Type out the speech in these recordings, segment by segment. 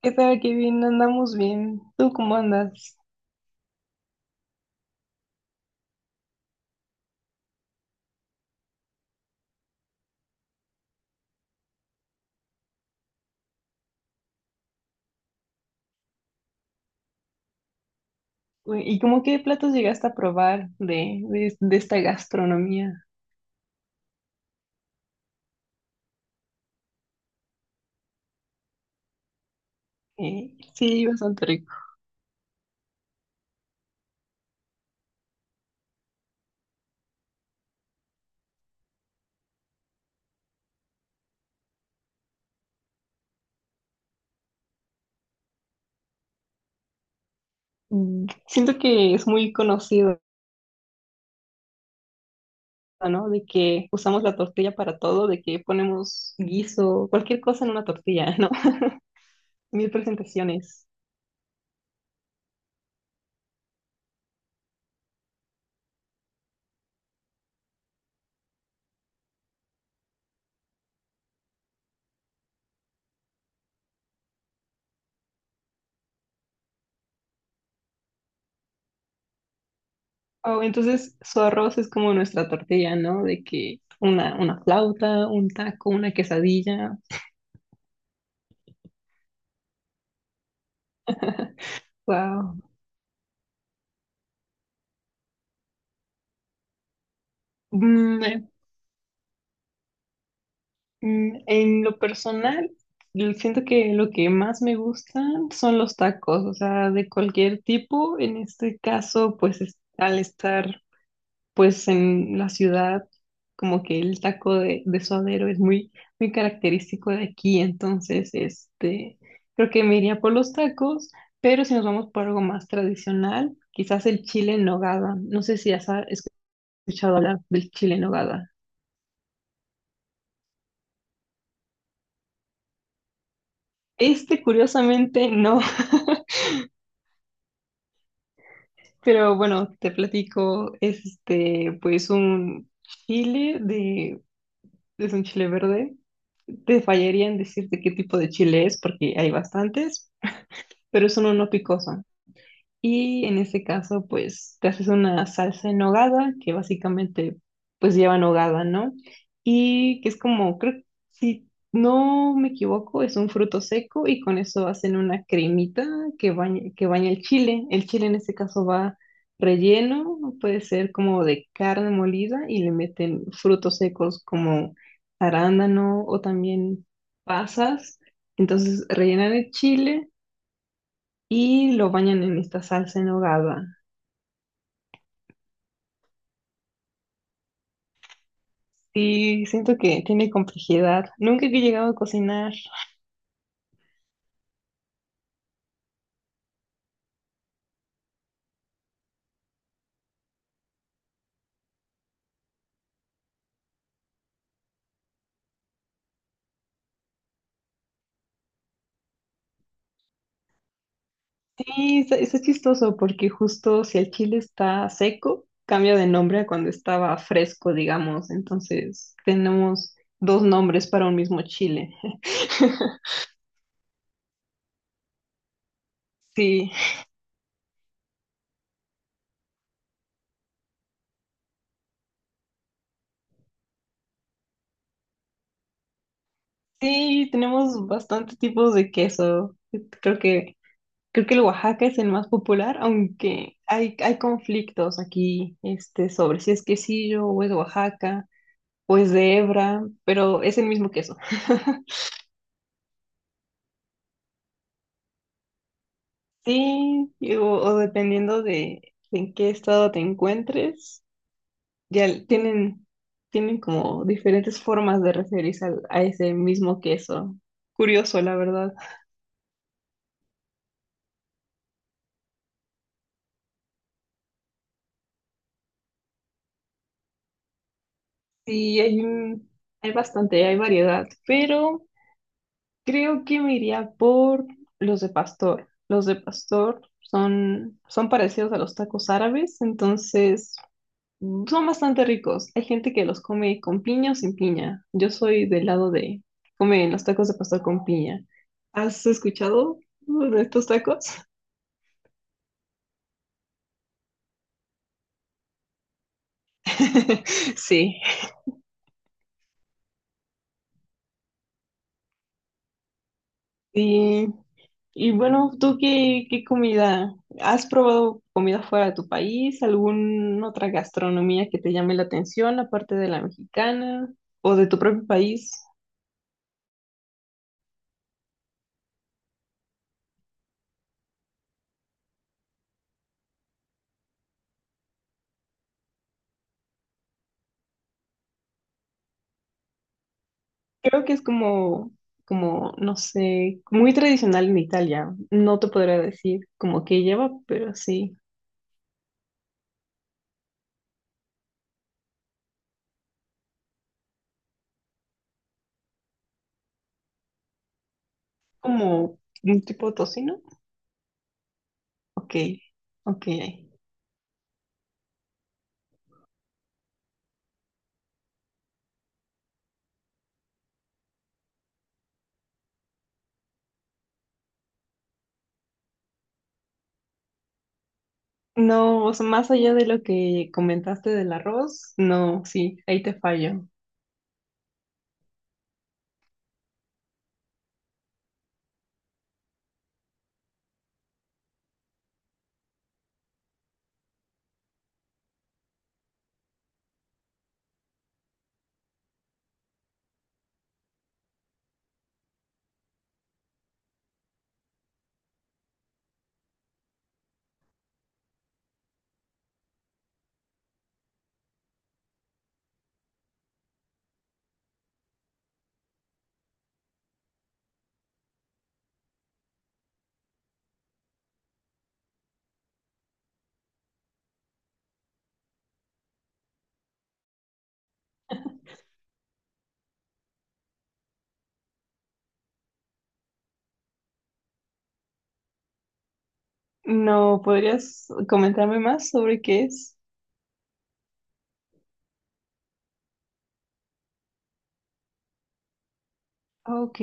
¿Qué tal, Kevin? Andamos bien. ¿Tú cómo andas? Uy, ¿y cómo qué platos llegaste a probar de esta gastronomía? Sí, bastante rico. Siento que es muy conocido, ¿no? De que usamos la tortilla para todo, de que ponemos guiso, cualquier cosa en una tortilla, ¿no? Mil presentaciones. Oh, entonces su arroz es como nuestra tortilla, ¿no? De que una flauta, un taco, una quesadilla. Wow. En lo personal, siento que lo que más me gustan son los tacos, o sea, de cualquier tipo. En este caso, al estar pues en la ciudad, como que el taco de suadero es muy, muy característico de aquí, creo que me iría por los tacos, pero si nos vamos por algo más tradicional, quizás el chile en nogada. No sé si has escuchado hablar del chile en nogada. Curiosamente, no. Pero bueno, te platico, es pues un chile de, es un chile verde. Te fallaría en decirte qué tipo de chile es, porque hay bastantes, pero es uno no picoso. Y en este caso, pues te haces una salsa en nogada, que básicamente pues lleva nogada, ¿no? Y que es como, creo, si no me equivoco, es un fruto seco y con eso hacen una cremita que baña el chile. El chile en este caso va relleno, puede ser como de carne molida y le meten frutos secos como arándano o también pasas. Entonces rellenan el chile y lo bañan en esta salsa en nogada. Sí, siento que tiene complejidad. Nunca he llegado a cocinar. Sí, está chistoso porque justo si el chile está seco, cambia de nombre a cuando estaba fresco, digamos. Entonces tenemos dos nombres para un mismo chile. Sí, sí, tenemos bastantes tipos de queso. Creo que, creo que el Oaxaca es el más popular, aunque hay conflictos aquí, sobre si es quesillo o es Oaxaca. Pues de hebra, pero es el mismo queso. Sí, o dependiendo de en qué estado te encuentres, ya tienen, tienen como diferentes formas de referirse a ese mismo queso. Curioso, la verdad. Sí, hay bastante, hay variedad, pero creo que me iría por los de pastor. Los de pastor son parecidos a los tacos árabes, entonces son bastante ricos. Hay gente que los come con piña o sin piña. Yo soy del lado de comen los tacos de pastor con piña. ¿Has escuchado de estos tacos? Sí. Y, y bueno, ¿tú qué, qué comida? ¿Has probado comida fuera de tu país? ¿Alguna otra gastronomía que te llame la atención aparte de la mexicana o de tu propio país? Creo que es como, como, no sé, muy tradicional en Italia. No te podría decir como qué lleva, pero sí, como un tipo de tocino. Ok, ok. No, o sea, más allá de lo que comentaste del arroz, no, sí, ahí te fallo. No, ¿podrías comentarme más sobre qué es? Ah, ok,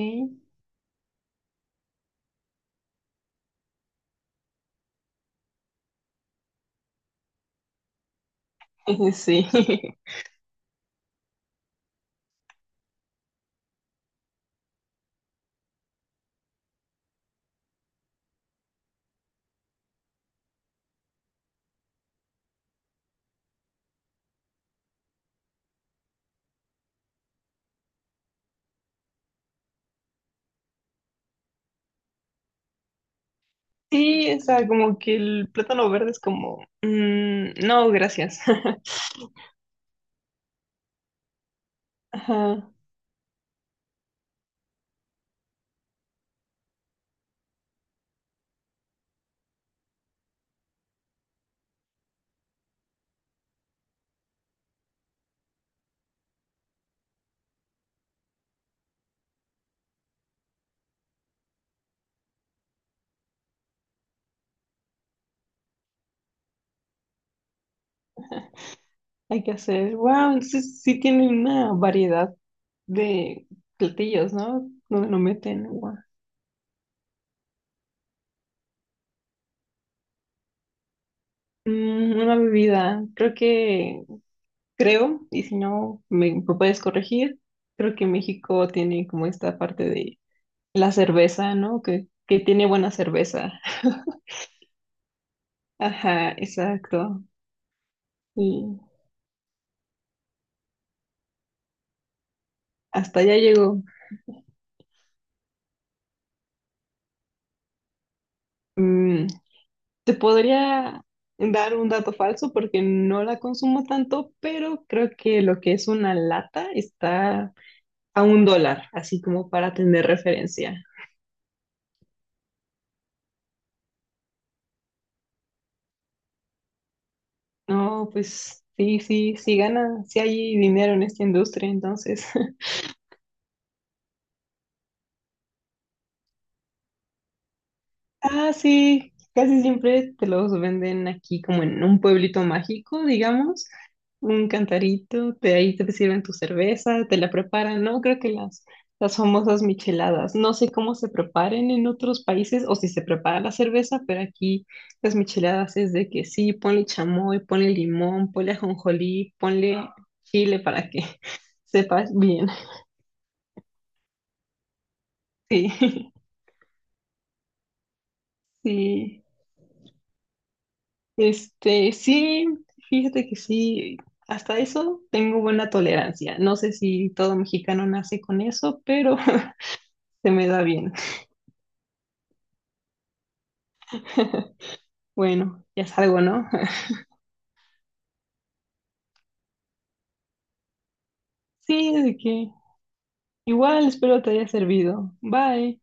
sí. Sí, o sea, como que el plátano verde es como, mm, no, gracias. Ajá. Hay que hacer, wow, entonces sí tienen una variedad de platillos, ¿no? Donde no meten agua. Una bebida, creo, y si no me puedes corregir, creo que México tiene como esta parte de la cerveza, ¿no? Que tiene buena cerveza. Ajá, exacto. Y hasta allá llegó. Mm, Te podría dar un dato falso porque no la consumo tanto, pero creo que lo que es una lata está a un dólar, así como para tener referencia. No, pues sí, sí gana, sí hay dinero en esta industria, entonces. Ah, sí, casi siempre te los venden aquí como en un pueblito mágico, digamos, un cantarito, de ahí te sirven tu cerveza, te la preparan, ¿no? Creo que las famosas micheladas, no sé cómo se preparen en otros países o si se prepara la cerveza, pero aquí las micheladas es de que sí, ponle chamoy, ponle limón, ponle ajonjolí, ponle chile para que sepas bien. Sí, sí. Este, sí, fíjate que sí, hasta eso tengo buena tolerancia. No sé si todo mexicano nace con eso, pero se me da bien. Bueno, ya salgo, ¿no? Sí, de que igual espero te haya servido. Bye.